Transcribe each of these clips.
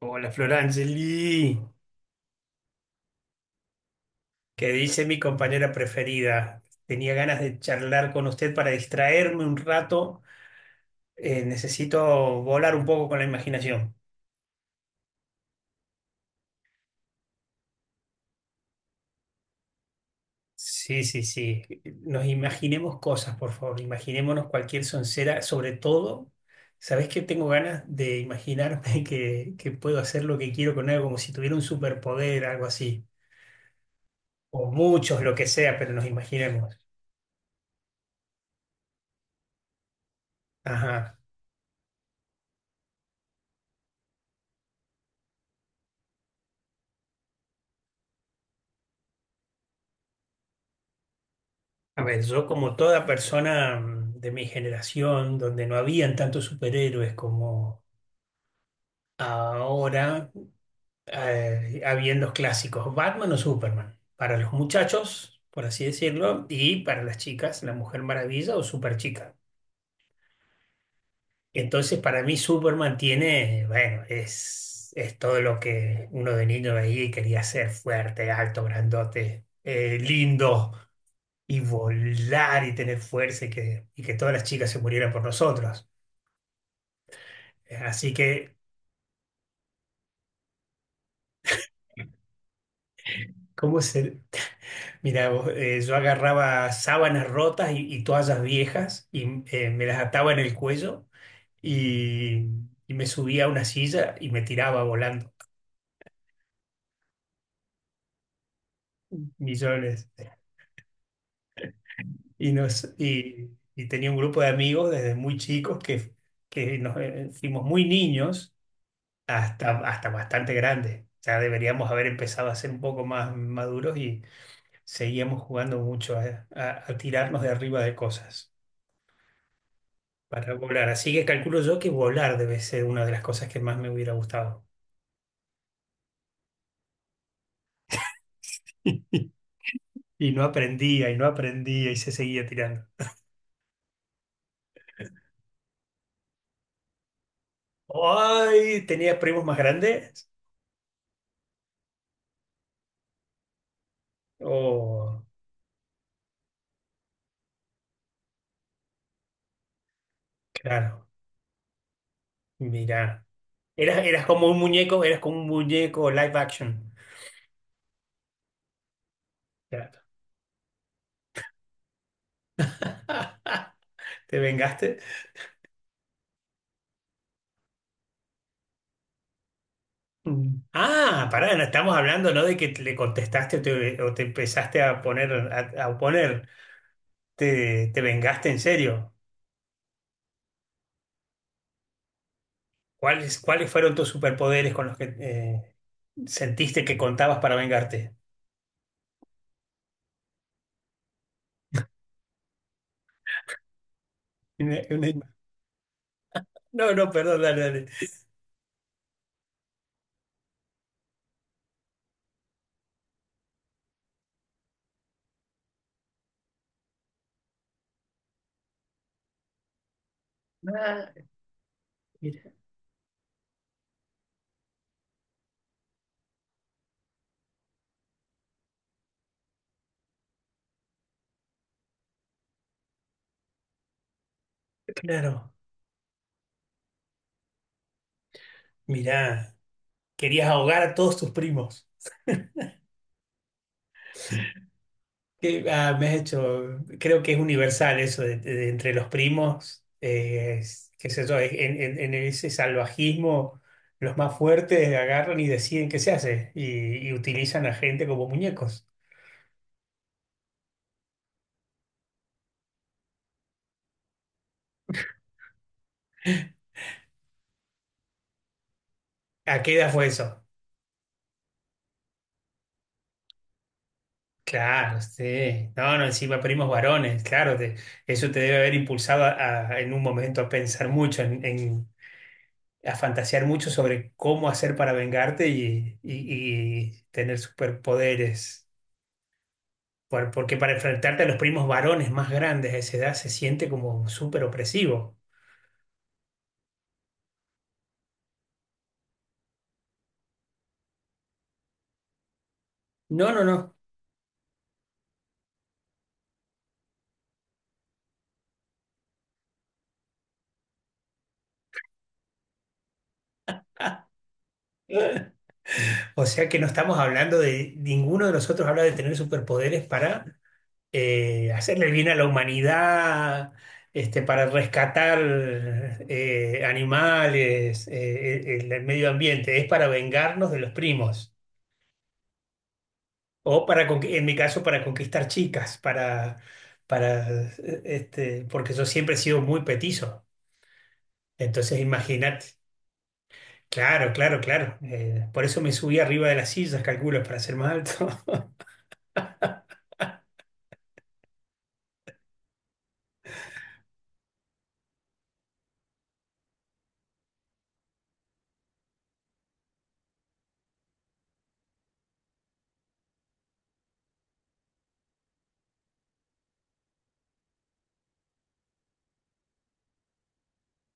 Hola Florangeli, ¿qué dice mi compañera preferida? Tenía ganas de charlar con usted para distraerme un rato. Necesito volar un poco con la imaginación. Sí, sí, sí. Nos imaginemos cosas, por favor. Imaginémonos cualquier soncera. Sobre todo, ¿sabés que tengo ganas de imaginarme que puedo hacer lo que quiero con algo, como si tuviera un superpoder, algo así? O muchos, lo que sea, pero nos imaginemos. Ajá. A ver, yo como toda persona de mi generación, donde no habían tantos superhéroes como ahora, habían los clásicos, Batman o Superman, para los muchachos, por así decirlo, y para las chicas, la Mujer Maravilla o Superchica. Entonces, para mí Superman tiene, bueno, es todo lo que uno de niño veía y quería ser fuerte, alto, grandote, lindo y volar y tener fuerza y que todas las chicas se murieran por nosotros. Así que, ¿cómo se...? Mira, vos, yo agarraba sábanas rotas y toallas viejas y me las ataba en el cuello y, y me subía a una silla y me tiraba volando millones. Y tenía un grupo de amigos desde muy chicos que nos fuimos muy niños hasta bastante grandes. Ya deberíamos haber empezado a ser un poco más maduros y seguíamos jugando mucho a tirarnos de arriba de cosas para volar. Así que calculo yo que volar debe ser una de las cosas que más me hubiera gustado. Y no aprendía, y no aprendía, y se seguía tirando. ¡Ay! ¿Tenía primos más grandes? Oh, claro. Mirá. Eras como un muñeco, eras como un muñeco live action. Claro. ¿Te vengaste? Mm. Ah, pará, no estamos hablando, ¿no? De que le contestaste o te empezaste a poner, a oponer. Te vengaste en serio. ¿Cuáles fueron tus superpoderes con los que sentiste que contabas para vengarte. Una- una- No, no, perdón, dale, dale. Ah, mira, claro, mirá, querías ahogar a todos tus primos. Que, ah, me has hecho, creo que es universal eso de, de entre los primos, qué sé yo, en ese salvajismo, los más fuertes agarran y deciden qué se hace y utilizan a gente como muñecos. ¿A qué edad fue eso? Claro, sí. No, no, encima primos varones, claro, eso te debe haber impulsado a, en un momento a pensar mucho, a fantasear mucho sobre cómo hacer para vengarte y tener superpoderes. Porque para enfrentarte a los primos varones más grandes a esa edad se siente como súper opresivo. No, no, no. O sea que no estamos hablando de, ninguno de nosotros habla de tener superpoderes para hacerle el bien a la humanidad, para rescatar animales, el medio ambiente, es para vengarnos de los primos, o para, en mi caso, para conquistar chicas, porque yo siempre he sido muy petizo, entonces imagínate. Claro, claro, claro. Por eso me subí arriba de las sillas, calculo, para ser más alto.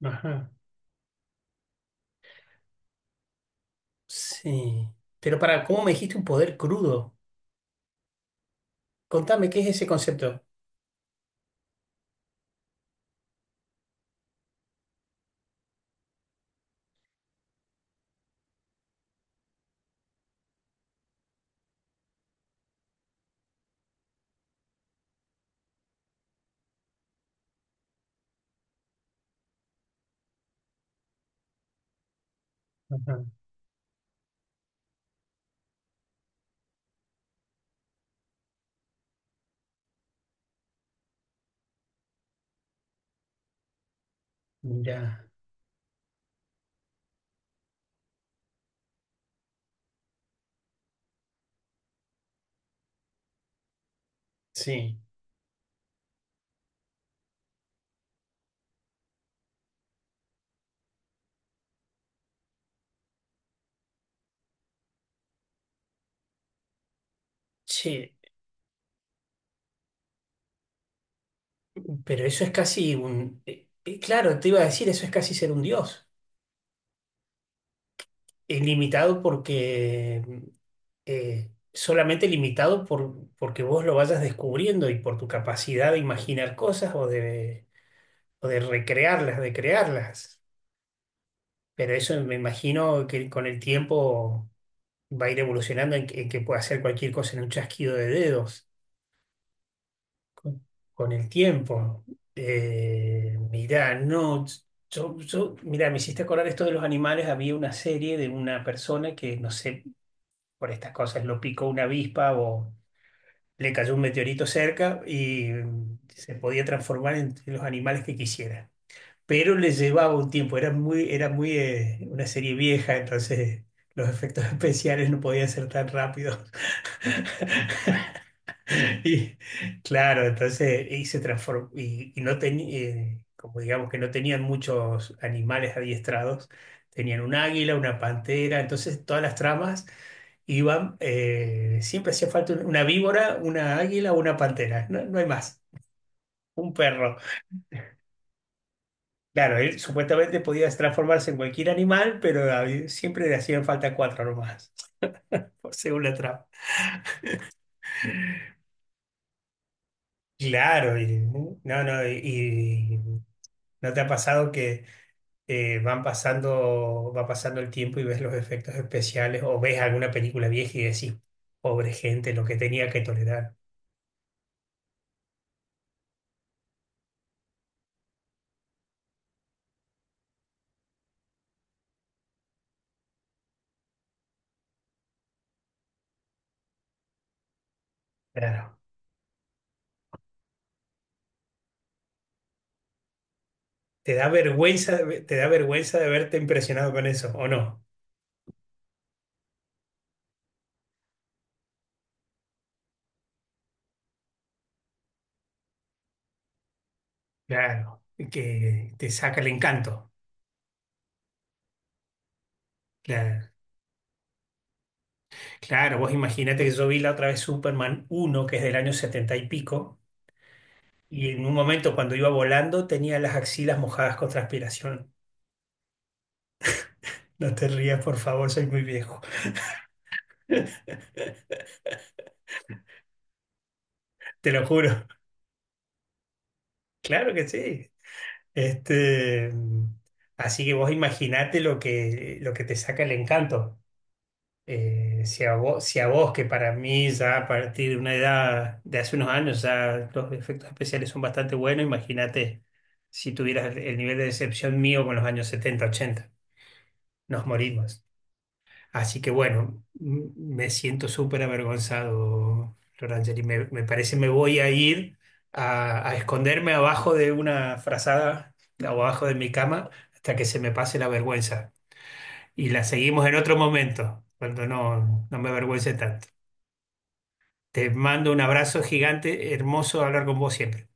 Ajá. Sí. Pero ¿cómo me dijiste un poder crudo? Contame, ¿qué es ese concepto? Mira, sí. Che, pero eso es casi claro, te iba a decir, eso es casi ser un dios. Limitado porque solamente limitado porque vos lo vayas descubriendo y por tu capacidad de imaginar cosas o de recrearlas, de crearlas. Pero eso me imagino que con el tiempo va a ir evolucionando en que pueda hacer cualquier cosa en un chasquido de dedos con, con el tiempo. Mirá, no, mirá, me hiciste acordar esto de los animales. Había una serie de una persona que, no sé, por estas cosas lo picó una avispa o le cayó un meteorito cerca y se podía transformar en los animales que quisiera. Pero le llevaba un tiempo, era muy una serie vieja, entonces los efectos especiales no podían ser tan rápidos. Y, claro, entonces se transformó y no tenían, como digamos que no tenían muchos animales adiestrados, tenían un águila, una pantera, entonces todas las tramas iban, siempre hacía falta una víbora, una águila, una pantera, no, no hay más, un perro. Claro, él supuestamente podía transformarse en cualquier animal, pero siempre le hacían falta cuatro nomás, según la trama. Claro, no, no, y- ¿no te ha pasado que van pasando, va pasando el tiempo y ves los efectos especiales o ves alguna película vieja y decís, pobre gente, lo que tenía que tolerar. Claro. Te da vergüenza, de verte impresionado con eso, ¿o no? Claro, que te saca el encanto. Claro, claro, vos imagínate que yo vi la otra vez Superman uno que es del año 70 y pico, y en un momento cuando iba volando tenía las axilas mojadas con transpiración. No te rías, por favor, soy muy viejo. Te lo juro. Claro que sí. Este, mm, Así que vos imaginate lo que te saca el encanto. Si a vos, que para mí ya a partir de una edad de hace unos años ya los efectos especiales son bastante buenos, imagínate si tuvieras el nivel de decepción mío con los años 70 80, nos morimos. Así que bueno, me siento súper avergonzado, Florangeli. Me parece me voy a ir a esconderme abajo de una frazada, abajo de mi cama, hasta que se me pase la vergüenza. Y la seguimos en otro momento, cuando no me avergüence tanto. Te mando un abrazo gigante, hermoso hablar con vos siempre.